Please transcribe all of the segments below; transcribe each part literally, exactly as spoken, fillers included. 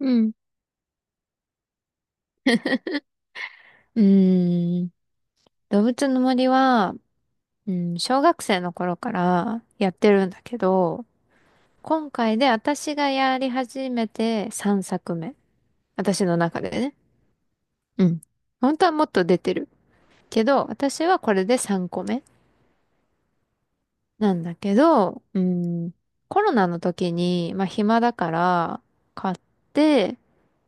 うん。うーん。動物の森は、うん、小学生の頃からやってるんだけど、今回で私がやり始めてさんさくめ。私の中でね。うん。本当はもっと出てる。けど、私はこれでさんこめなんだけど、うん、コロナの時に、まあ暇だから買って、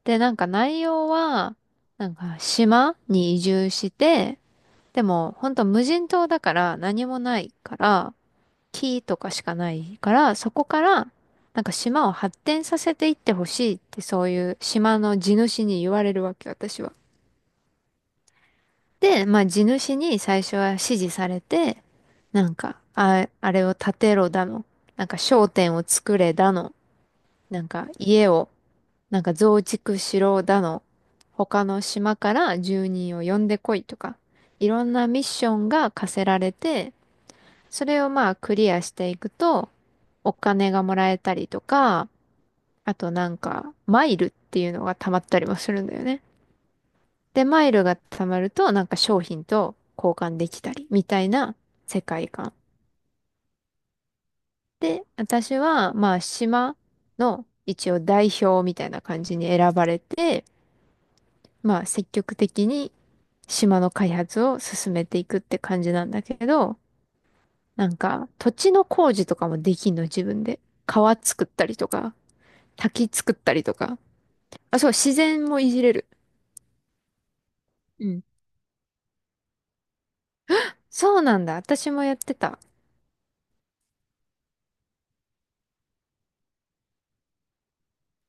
で、なんか内容は、なんか島に移住して、でも、ほんと無人島だから何もないから、木とかしかないから、そこから、なんか島を発展させていってほしいってそういう島の地主に言われるわけ、私は。で、まあ地主に最初は指示されて、なんか、あ、あれを建てろだの、なんか商店を作れだの、なんか家を、なんか増築しろだの、他の島から住人を呼んでこいとか、いろんなミッションが課せられて、それをまあクリアしていくと、お金がもらえたりとか、あとなんか、マイルっていうのが溜まったりもするんだよね。で、マイルが貯まると、なんか商品と交換できたり、みたいな世界観。で、私は、まあ、島の一応代表みたいな感じに選ばれて、まあ、積極的に島の開発を進めていくって感じなんだけど、なんか、土地の工事とかもできんの、自分で。川作ったりとか。滝作ったりとか。あ、そう、自然もいじれる。うん。そうなんだ。私もやってた。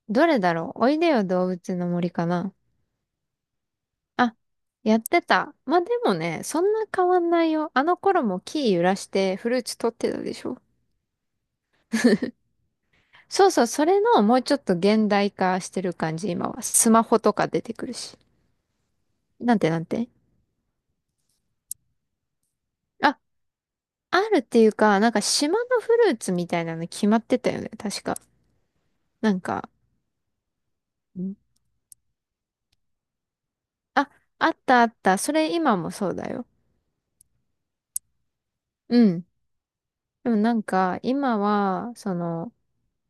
どれだろうおいでよ動物の森かな。あ、やってた。まあ、でもね、そんな変わんないよ。あの頃も木揺らしてフルーツ取ってたでしょ。そうそう、それのもうちょっと現代化してる感じ、今は。スマホとか出てくるし。なんてなんて。あ、あるっていうか、なんか島のフルーツみたいなの決まってたよね、確か。なんか、んあ、あったあった。それ今もそうだよ。うん。でもなんか、今は、その、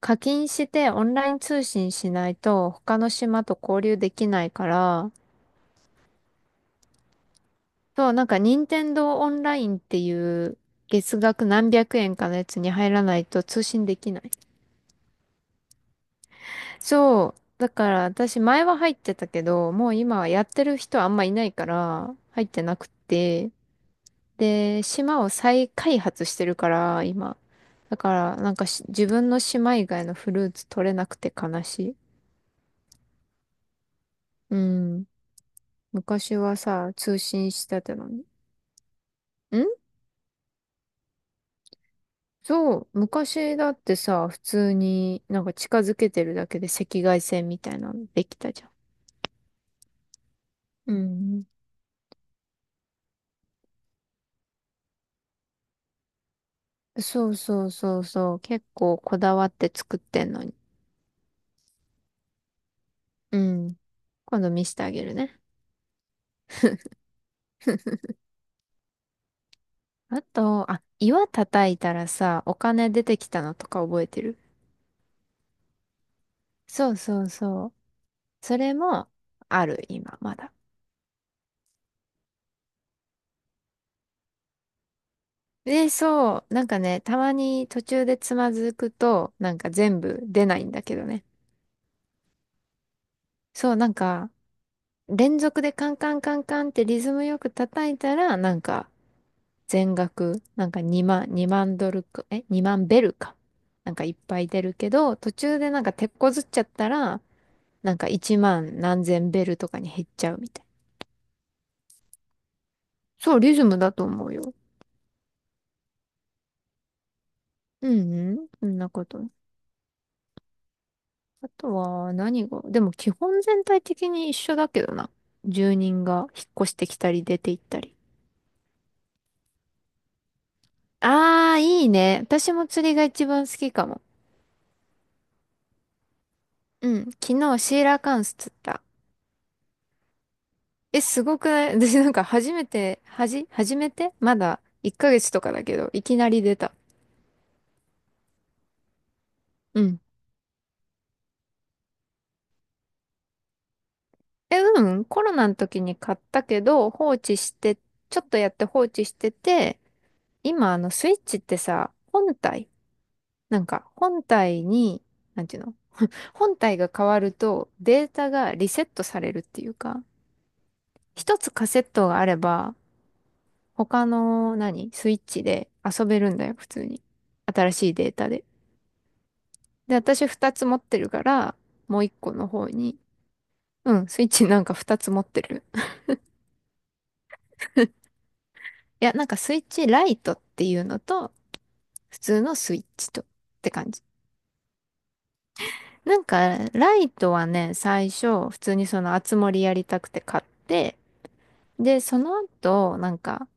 課金してオンライン通信しないと他の島と交流できないから、そう、なんか任天堂オンラインっていう月額何百円かのやつに入らないと通信できない。そう。だから私前は入ってたけど、もう今はやってる人あんまいないから入ってなくて、で、島を再開発してるから、今。だから、なんかし自分の島以外のフルーツ取れなくて悲しい。うん。昔はさ、通信してたのに。んそう。昔だってさ、普通になんか近づけてるだけで赤外線みたいなのできたじゃん。うん。そうそうそうそう。結構こだわって作ってんのに。うん。今度見せてあげるね。あと、あ、岩叩いたらさ、お金出てきたのとか覚えてる？そうそうそう。それもある、今、まだ。で、そう、なんかね、たまに途中でつまずくと、なんか全部出ないんだけどね。そう、なんか、連続でカンカンカンカンってリズムよく叩いたら、なんか、全額、なんかにまん、にまんドルか、え、にまんベルか。なんかいっぱい出るけど、途中でなんか手こずっちゃったら、なんかいちまん何千ベルとかに減っちゃうみたい。そう、リズムだと思うよ。うんうん、そんなこと。あとは何が、でも基本全体的に一緒だけどな。住人が引っ越してきたり出て行ったり。ああ、いいね。私も釣りが一番好きかも。うん。昨日シーラカンス釣った。え、すごくない？ 私なんか初めて、はじ、初めてまだいっかげつとかだけど、いきなり出た。うん。え、うん。コロナの時に買ったけど、放置して、ちょっとやって放置してて、今あのスイッチってさ、本体、なんか本体に、なんていうの？本体が変わるとデータがリセットされるっていうか、一つカセットがあれば、他の何スイッチで遊べるんだよ、普通に。新しいデータで。で、私二つ持ってるから、もう一個の方に。うん、スイッチなんか二つ持ってる。いや、なんかスイッチライトっていうのと、普通のスイッチとって感じ。なんか、ライトはね、最初、普通にその、あつ森やりたくて買って、で、その後、なんか、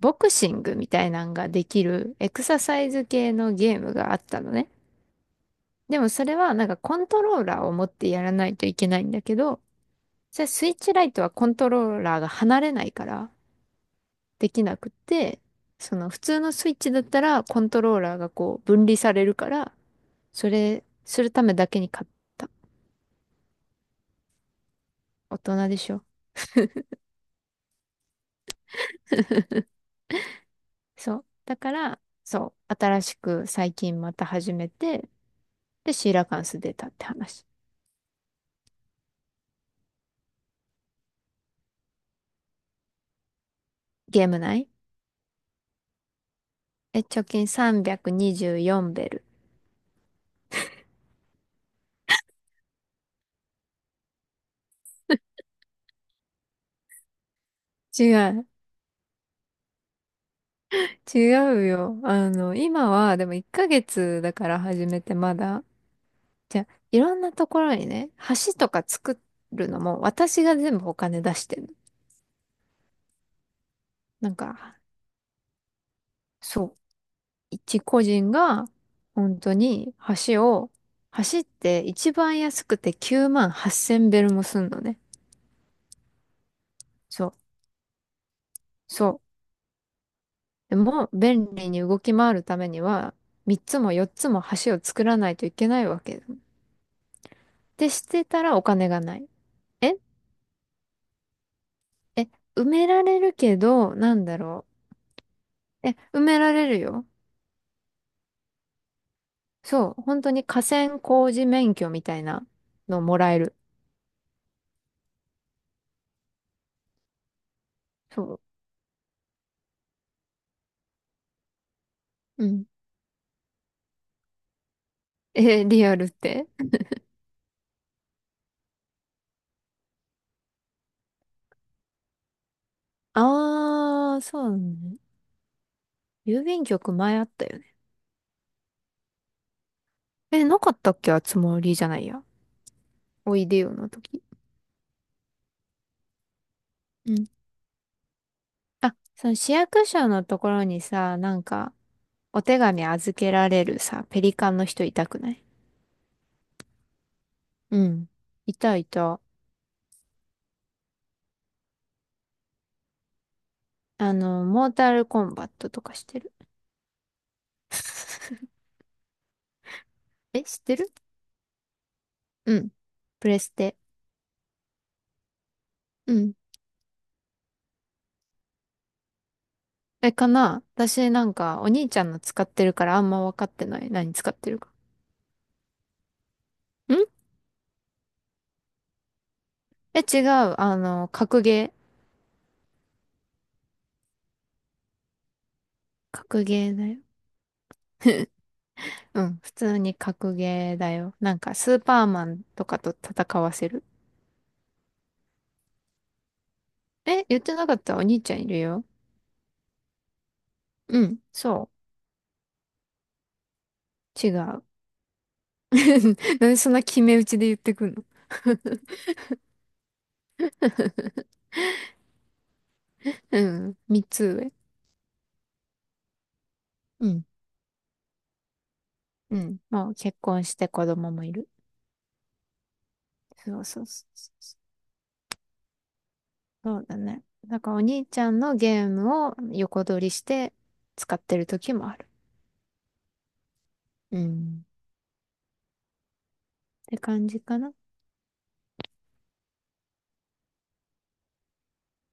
ボクシングみたいなんができるエクササイズ系のゲームがあったのね。でもそれはなんかコントローラーを持ってやらないといけないんだけど、それスイッチライトはコントローラーが離れないからできなくって、その普通のスイッチだったらコントローラーがこう分離されるから、それするためだけに買った。大人でしょ。そう。だから、そう。新しく最近また始めて、で、シーラカンス出たって話。ゲーム内？え、貯金さんびゃくにじゅうよんベル。違う。違うよ。あの、今は、でもいっかげつだから始めてまだ。じゃあ、いろんなところにね、橋とか作るのも私が全部お金出してる。なんか、そう。一個人が本当に橋を、橋って一番安くてきゅうまんはっせんベルもすんのね。そう。そう。でも、便利に動き回るためには、みっつもよっつも橋を作らないといけないわけ。てしてたらお金がない。ええ、埋められるけど、なんだろう。え、埋められるよ。そう。本当に河川工事免許みたいなのもらえる。そう。うん。え、リアルって。あー、そうね。郵便局前あったよね。え、なかったっけ？あつ森じゃないや。おいでよの時。うん。あ、その市役所のところにさ、なんか、お手紙預けられるさ、ペリカンの人いたくない？うん。いたいた。あの、モータルコンバットとかしてる。え、知ってる？うん。プレステ。うん。え、かな？私なんか、お兄ちゃんの使ってるからあんま分かってない。何使ってるか。んえ、違う。あの、格ゲー。格ゲーだよ。うん。普通に格ゲーだよ。なんか、スーパーマンとかと戦わせる。え、言ってなかった？お兄ちゃんいるよ。うん。そう。違う。なんでそんな決め打ちで言ってくんの？うん。三つ上。うん。うん。もう結婚して子供もいる。そうそうそうそう。そうだね。だからお兄ちゃんのゲームを横取りして使ってる時もある。うん。って感じかな。